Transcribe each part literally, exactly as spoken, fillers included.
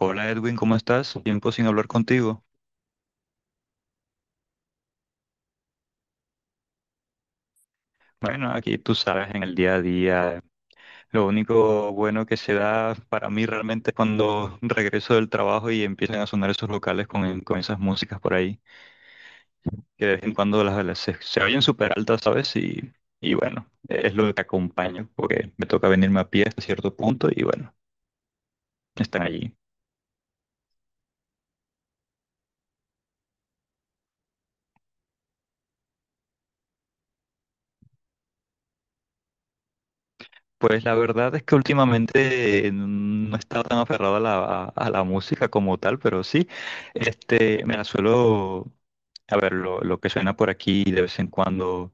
Hola Edwin, ¿cómo estás? Tiempo sin hablar contigo. Bueno, aquí tú sabes, en el día a día, lo único bueno que se da para mí realmente es cuando regreso del trabajo y empiezan a sonar esos locales con, con esas músicas por ahí, que de vez en cuando las, las- se, se oyen súper altas, ¿sabes? Y, y bueno, es lo que acompaño, porque me toca venirme a pie hasta cierto punto y bueno, están allí. Pues la verdad es que últimamente eh, no he estado tan aferrado a la, a- a la música como tal, pero sí, este, me la suelo, a ver, lo, lo que suena por aquí de vez en cuando,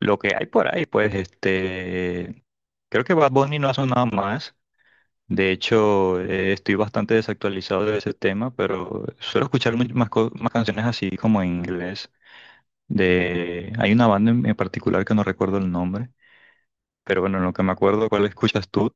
lo que hay por ahí, pues este, creo que Bad Bunny no ha sonado más, de hecho eh, estoy bastante desactualizado de ese tema, pero suelo escuchar much- más, co- más canciones así como en inglés, de, hay una banda en en particular que no recuerdo el nombre, pero bueno, en lo que me acuerdo, ¿cuál escuchas tú?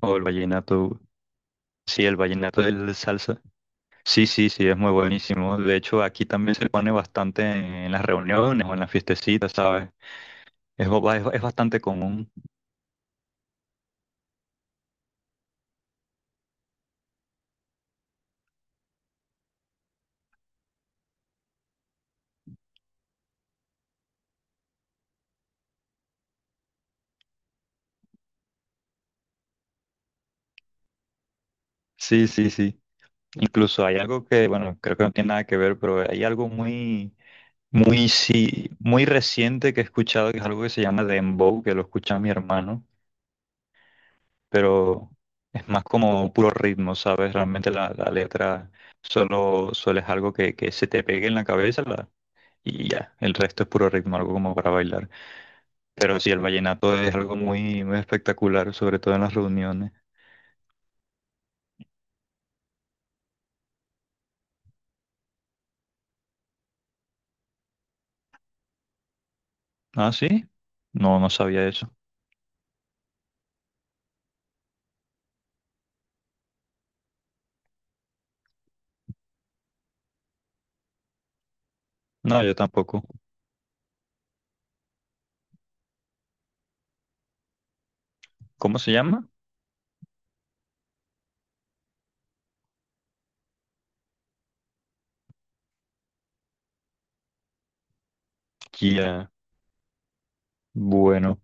O el vallenato, sí, el vallenato del salsa. Sí, sí, sí, es muy buenísimo. De hecho, aquí también se pone bastante en las reuniones o en las fiestecitas, ¿sabes? Es, bo- es, es bastante común. Sí, sí, sí. Incluso hay algo que, bueno, creo que no tiene nada que ver, pero hay algo muy, muy, sí, muy reciente que he escuchado, que es algo que se llama dembow, que lo escucha mi hermano, pero es más como puro ritmo, ¿sabes? Realmente la, la letra solo, solo es algo que, que se te pegue en la cabeza. Y ya, el resto es puro ritmo, algo como para bailar. Pero sí, el vallenato es algo muy, muy espectacular, sobre todo en las reuniones. Ah, sí, no, no sabía eso. No, yo tampoco. ¿Cómo se llama? Kia. Bueno,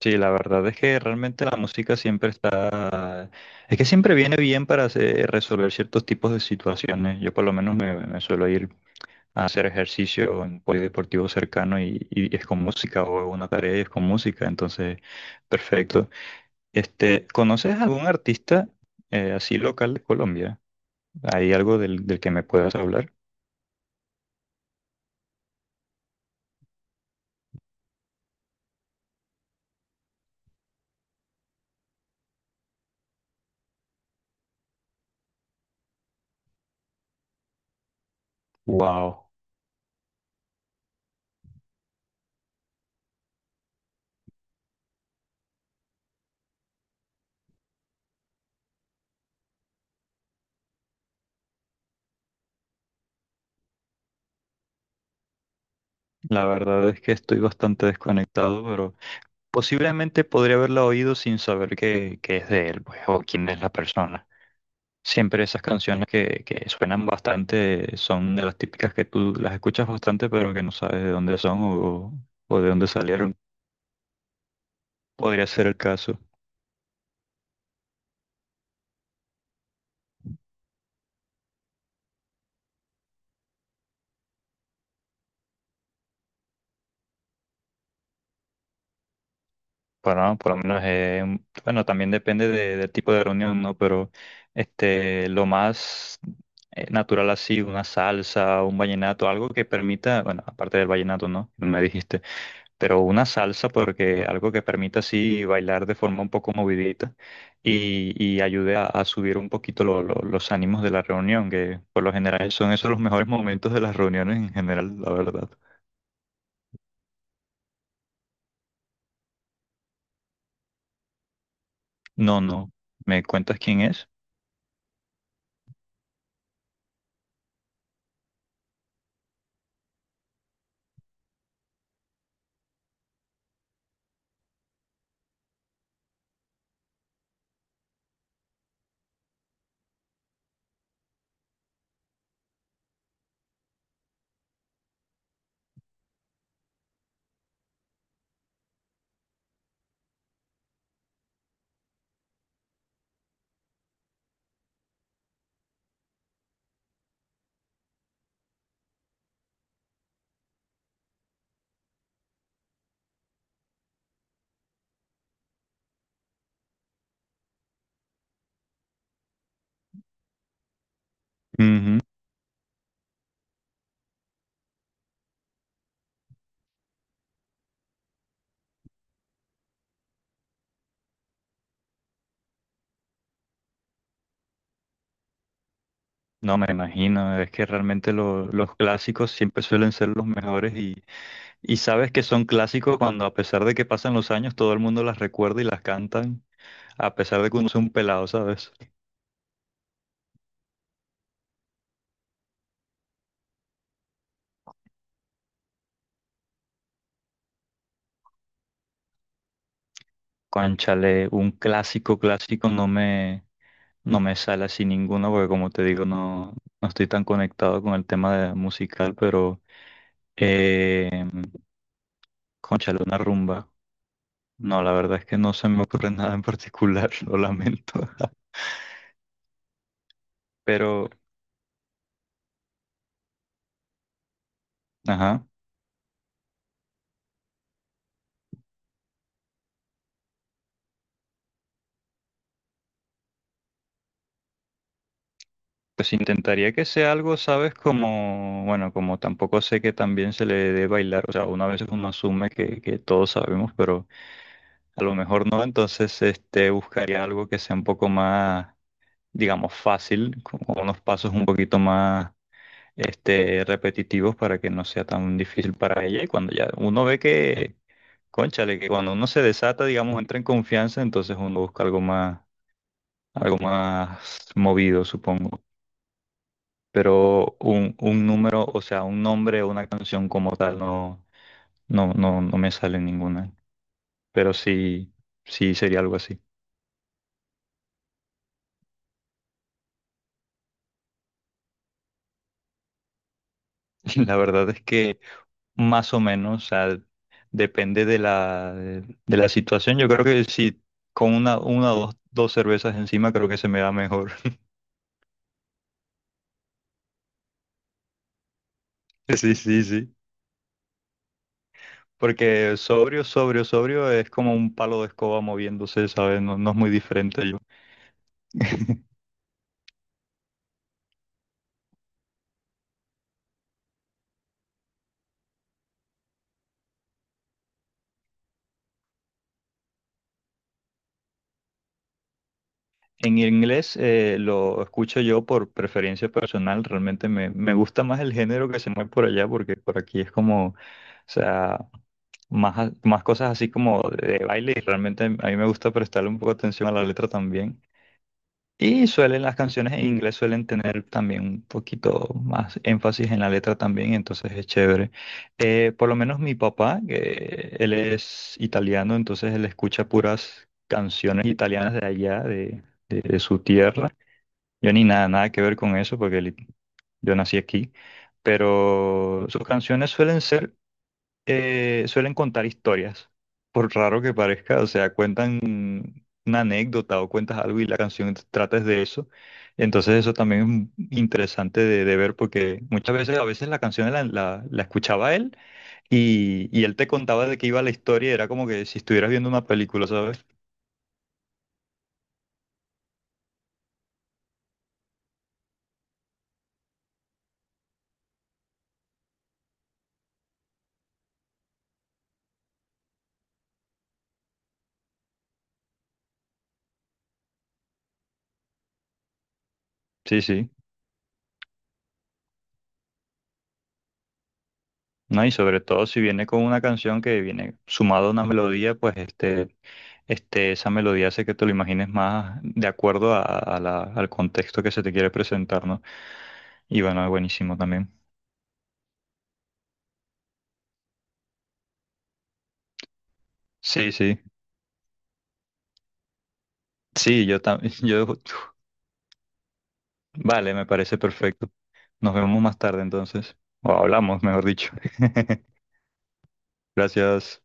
sí, la verdad es que realmente la música siempre está, es que siempre viene bien para hacer- resolver ciertos tipos de situaciones. Yo por lo menos me, me suelo ir a hacer ejercicio en polideportivo cercano y, y es con música o una tarea y es con música, entonces, perfecto. Este, ¿conoces algún artista eh, así local de Colombia? ¿Hay algo del, del que me puedas hablar? Wow, la verdad es que estoy bastante desconectado, pero posiblemente podría haberla oído sin saber que, que es de él, pues, o quién es la persona. Siempre esas canciones que, que suenan bastante son de las típicas que tú las escuchas bastante, pero que no sabes de dónde son o, o de dónde salieron. Podría ser el caso. Bueno, por lo menos, eh, un- bueno, también depende de- del tipo de reunión, ¿no? Pero este, lo más eh, natural así, una salsa, un vallenato, algo que permita, bueno, aparte del vallenato, ¿no? Me dijiste, pero una salsa porque algo que permita así bailar de forma un poco movidita y, y ayude a, a subir un poquito lo- lo- los ánimos de la reunión, que por lo general son esos los mejores momentos de las reuniones en general, la verdad. No, no, ¿me cuentas quién es? No me imagino, es que realmente lo- los clásicos siempre suelen ser los mejores y, y sabes que son clásicos cuando a pesar de que pasan los años todo el mundo las recuerda y las cantan, a pesar de que uno sea un pelado, ¿sabes? Cónchale, un clásico clásico no me, no me sale así ninguno porque como te digo no, no estoy tan conectado con el tema de musical, pero eh, cónchale, una rumba. No, la verdad es que no se me ocurre nada en particular, lo lamento. Pero, ajá, pues intentaría que sea algo, ¿sabes? Como, bueno, como tampoco sé que también se le dé bailar, o sea, una vez uno asume que, que todos sabemos, pero a lo mejor no, entonces este, buscaría algo que sea un poco más, digamos, fácil, con con unos pasos un poquito más este, repetitivos para que no sea tan difícil para ella. Y cuando ya uno ve que, cónchale, que cuando uno se desata, digamos, entra en confianza, entonces uno busca algo más, algo más movido, supongo. Pero un, un número, o sea, un nombre o una canción como tal no, no, no, no me sale ninguna. Pero sí, sí sería algo así. La verdad es que más o menos, o sea, depende de la, de la situación. Yo creo que si con una, una o dos, dos cervezas encima creo que se me da mejor. Sí, sí, sí. Porque sobrio, sobrio, sobrio es como un palo de escoba moviéndose, ¿sabes? No, no es muy diferente yo. En inglés eh, lo escucho yo por preferencia personal, realmente me, me gusta más el género que se mueve por allá porque por aquí es como, o sea, más, a- más cosas así como de baile y realmente a mí me gusta prestarle un poco de atención a la letra también. Y suelen, las canciones en inglés suelen tener también un poquito más énfasis en la letra también, entonces es chévere. Eh, por lo menos mi papá, que él es italiano, entonces él escucha puras canciones italianas de allá, de de- de su tierra. Yo ni nada, nada que ver con eso, porque li- yo nací aquí, pero sus canciones suelen ser, eh, suelen contar historias, por raro que parezca, o sea, cuentan una anécdota o cuentas algo y la canción trata es de eso. Entonces eso también es interesante de, de ver porque muchas veces, a veces la canción la, la- la escuchaba él y, y él te contaba de qué iba la historia y era como que si estuvieras viendo una película, ¿sabes? Sí, sí. ¿No? Y sobre todo si viene con una canción que viene sumada a una melodía, pues este, este, esa melodía hace que te lo imagines más de acuerdo a, a la- al contexto que se te quiere presentar, ¿no? Y bueno, es buenísimo también. Sí, sí, sí, yo también, yo, vale, me parece perfecto. Nos vemos más tarde entonces, o hablamos, mejor dicho. Gracias.